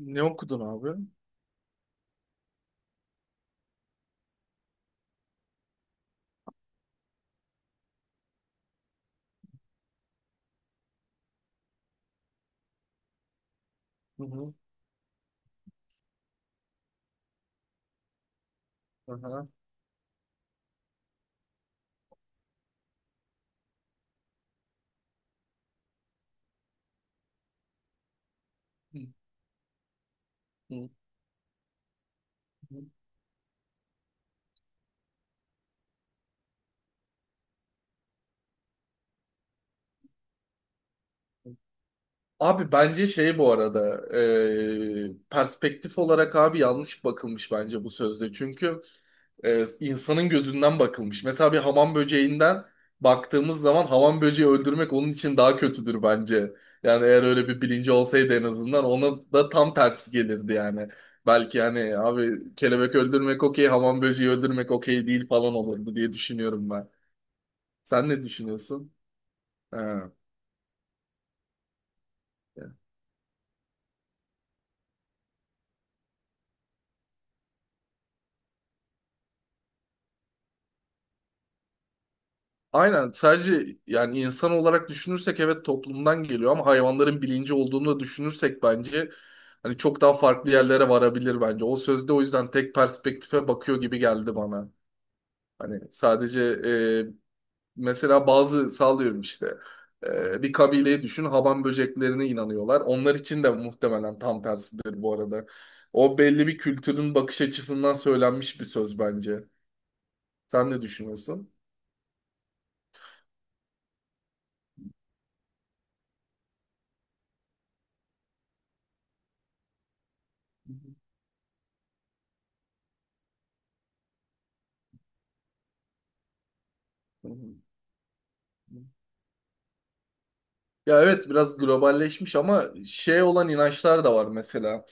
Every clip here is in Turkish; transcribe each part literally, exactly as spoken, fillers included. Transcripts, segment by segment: Ne okudun abi? Hı hı. Aha. Hı hı. hı. Abi bence şey bu arada, e, perspektif olarak abi yanlış bakılmış bence bu sözde. Çünkü e, insanın gözünden bakılmış. Mesela bir hamam böceğinden baktığımız zaman hamam böceği öldürmek onun için daha kötüdür bence. Yani eğer öyle bir bilinci olsaydı en azından ona da tam tersi gelirdi yani. Belki yani abi kelebek öldürmek okey, hamam böceği öldürmek okey değil falan olurdu diye düşünüyorum ben. Sen ne düşünüyorsun? Ha. Aynen, sadece yani insan olarak düşünürsek evet toplumdan geliyor ama hayvanların bilinci olduğunu da düşünürsek bence hani çok daha farklı yerlere varabilir bence. O sözde o yüzden tek perspektife bakıyor gibi geldi bana. Hani sadece e, mesela bazı sağlıyorum işte, e, bir kabileyi düşün, haban böceklerine inanıyorlar. Onlar için de muhtemelen tam tersidir bu arada. O belli bir kültürün bakış açısından söylenmiş bir söz bence. Sen ne düşünüyorsun? Hı hı. Ya evet, biraz globalleşmiş ama şey olan inançlar da var mesela.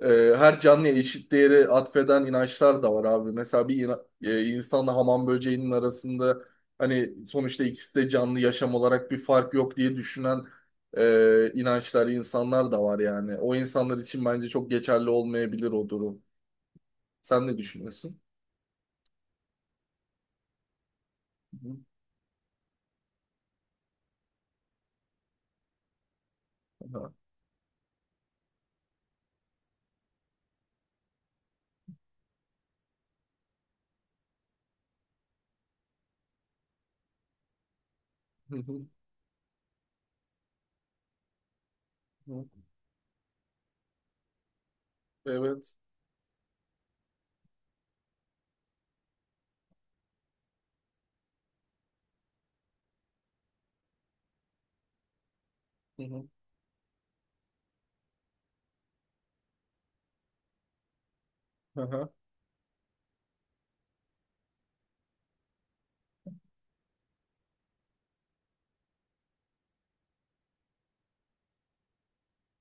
Ee, her canlıya eşit değeri atfeden inançlar da var abi. Mesela bir ina- e, insanla hamam böceğinin arasında hani sonuçta ikisi de canlı, yaşam olarak bir fark yok diye düşünen e, inançlar, insanlar da var yani. O insanlar için bence çok geçerli olmayabilir o durum. Sen ne düşünüyorsun? Hı hı. Aha. Hı hı. Hı. Evet. Hı hı. Aha.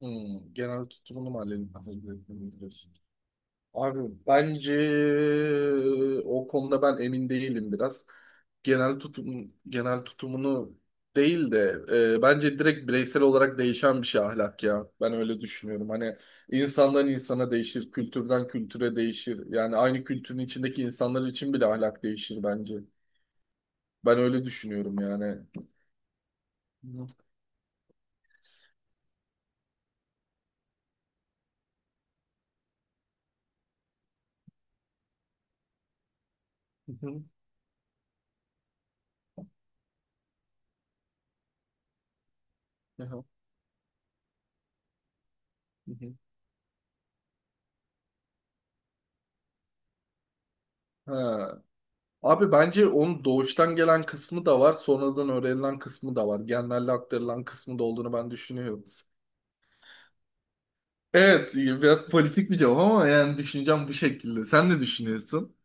Hmm, genel tutumunu mu halledin? Abi bence o konuda ben emin değilim biraz. Genel tutum genel tutumunu değil de, e, bence direkt bireysel olarak değişen bir şey ahlak ya. Ben öyle düşünüyorum. Hani insandan insana değişir, kültürden kültüre değişir. Yani aynı kültürün içindeki insanlar için bile ahlak değişir bence. Ben öyle düşünüyorum yani. Hı hı. Hı hı. Hı hı. Ha, abi bence onun doğuştan gelen kısmı da var, sonradan öğrenilen kısmı da var. Genlerle aktarılan kısmı da olduğunu ben düşünüyorum. Evet, biraz politik bir cevap ama yani düşüneceğim bu şekilde. Sen ne düşünüyorsun?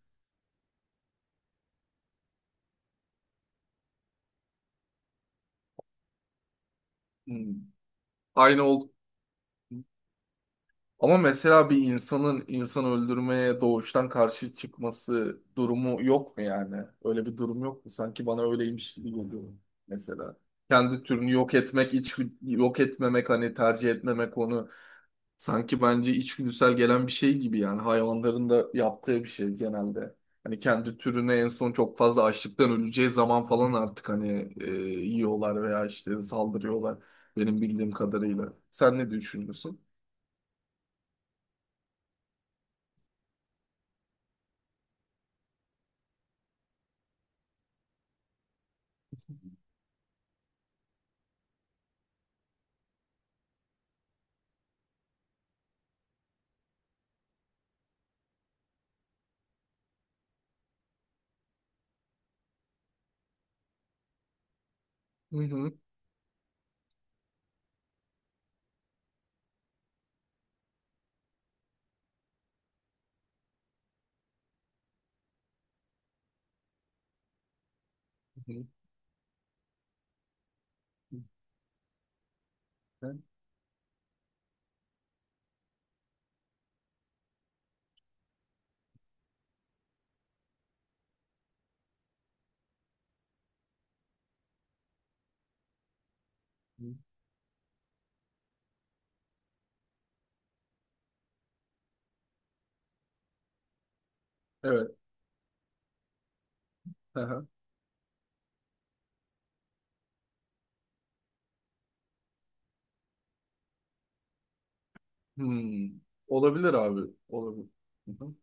Hmm, aynı ol. Ama mesela bir insanın insan öldürmeye doğuştan karşı çıkması durumu yok mu yani? Öyle bir durum yok mu? Sanki bana öyleymiş gibi geliyor mesela. Kendi türünü yok etmek, hiç yok etmemek, hani tercih etmemek onu. Sanki bence içgüdüsel gelen bir şey gibi yani, hayvanların da yaptığı bir şey genelde. Hani kendi türüne en son çok fazla açlıktan öleceği zaman falan artık hani e, yiyorlar veya işte saldırıyorlar, benim bildiğim kadarıyla. Sen ne düşünüyorsun? Hı hı. Hı hı. Hı hı. Evet. Hı hı. Hmm. Olabilir abi. Olabilir. Hı hı.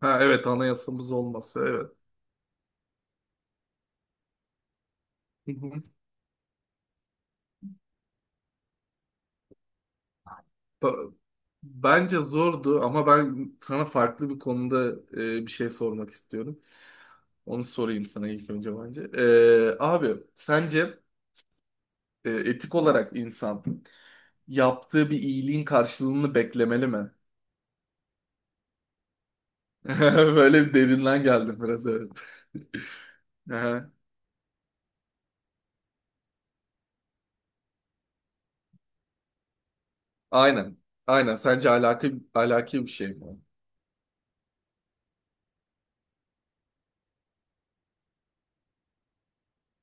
Ha evet, anayasamız olması, evet. Hı hı. Ba- Bence zordu ama ben sana farklı bir konuda e, bir şey sormak istiyorum. Onu sorayım sana ilk önce bence. Ee, abi sence e, etik olarak insan yaptığı bir iyiliğin karşılığını beklemeli mi? Böyle bir derinden geldim biraz, evet. Aha, aynen. Aynen. Sence alaki, alaki bir şey mi?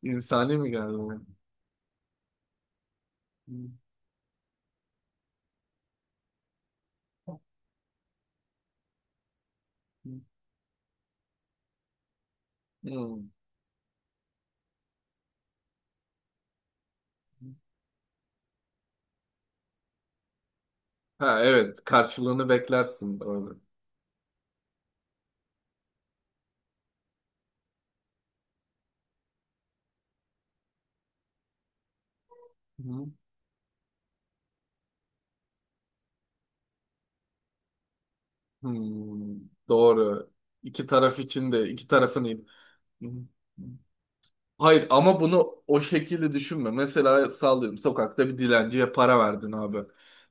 İnsani mi geldi bana? Hmm. Ha evet. Karşılığını beklersin. Doğru. Hmm, doğru. İki taraf için de, iki tarafın iyi. Hayır ama bunu o şekilde düşünme. Mesela sallıyorum, sokakta bir dilenciye para verdin abi.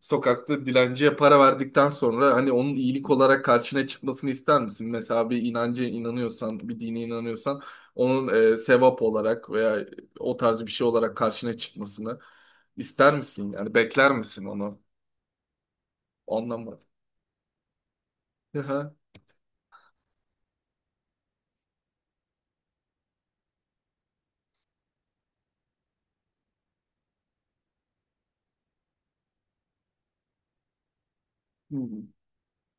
Sokakta dilenciye para verdikten sonra hani onun iyilik olarak karşına çıkmasını ister misin? Mesela bir inancı inanıyorsan, bir dine inanıyorsan onun e, sevap olarak veya o tarz bir şey olarak karşına çıkmasını ister misin? Yani bekler misin onu? Anlamadım. Hı hı.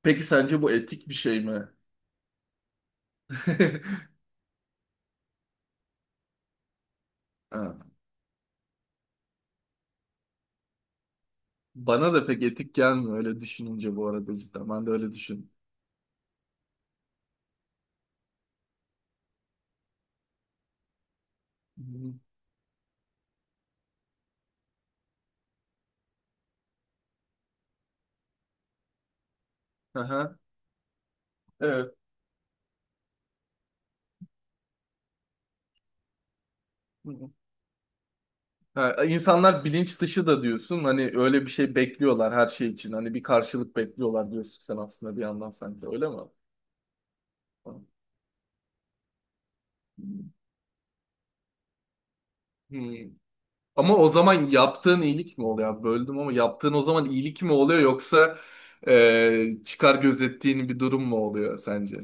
Peki sence bu etik bir şey mi? Ha. Bana da pek etik gelmiyor öyle düşününce bu arada, cidden. Ben de öyle düşün. Hı hı. Evet. Hı hı. Ha, insanlar bilinç dışı da diyorsun. Hani öyle bir şey bekliyorlar her şey için. Hani bir karşılık bekliyorlar diyorsun sen aslında bir yandan, sanki öyle mi? Hı. Ama o zaman yaptığın iyilik mi oluyor abi? Böldüm ama, yaptığın o zaman iyilik mi oluyor yoksa e, çıkar gözettiğin bir durum mu oluyor sence?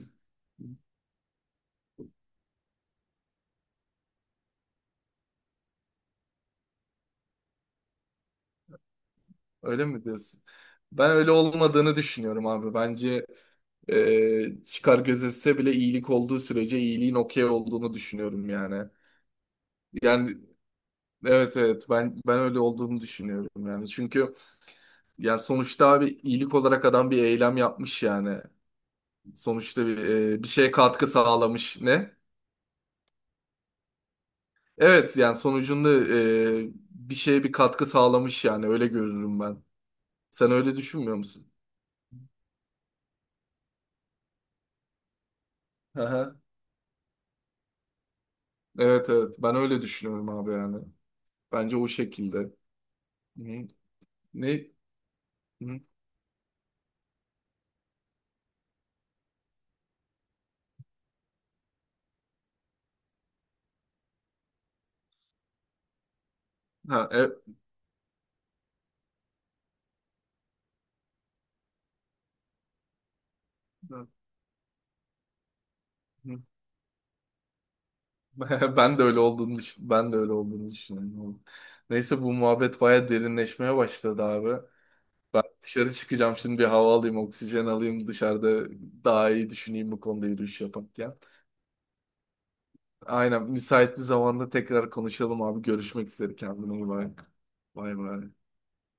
Öyle mi diyorsun? Ben öyle olmadığını düşünüyorum abi. Bence e, çıkar gözetse bile iyilik olduğu sürece iyiliğin okey olduğunu düşünüyorum yani. Yani evet evet, ben ben öyle olduğunu düşünüyorum yani. Çünkü, yani sonuçta abi iyilik olarak adam bir eylem yapmış yani. Sonuçta bir, e, bir şeye katkı sağlamış. Ne? Evet yani sonucunda e, bir şeye bir katkı sağlamış yani, öyle görürüm ben. Sen öyle düşünmüyor musun? Aha. Evet evet, ben öyle düşünüyorum abi yani. Bence o şekilde. Hı. Ne? Hı. Ha, e- hı. Ben de öyle olduğunu düşün- ben de öyle olduğunu düşünüyorum. Neyse, bu muhabbet baya derinleşmeye başladı abi. Ben dışarı çıkacağım şimdi, bir hava alayım, oksijen alayım, dışarıda daha iyi düşüneyim bu konuda yürüyüş yaparken. Aynen, müsait bir zamanda tekrar konuşalım abi. Görüşmek üzere, kendine iyi bak. Bay bay.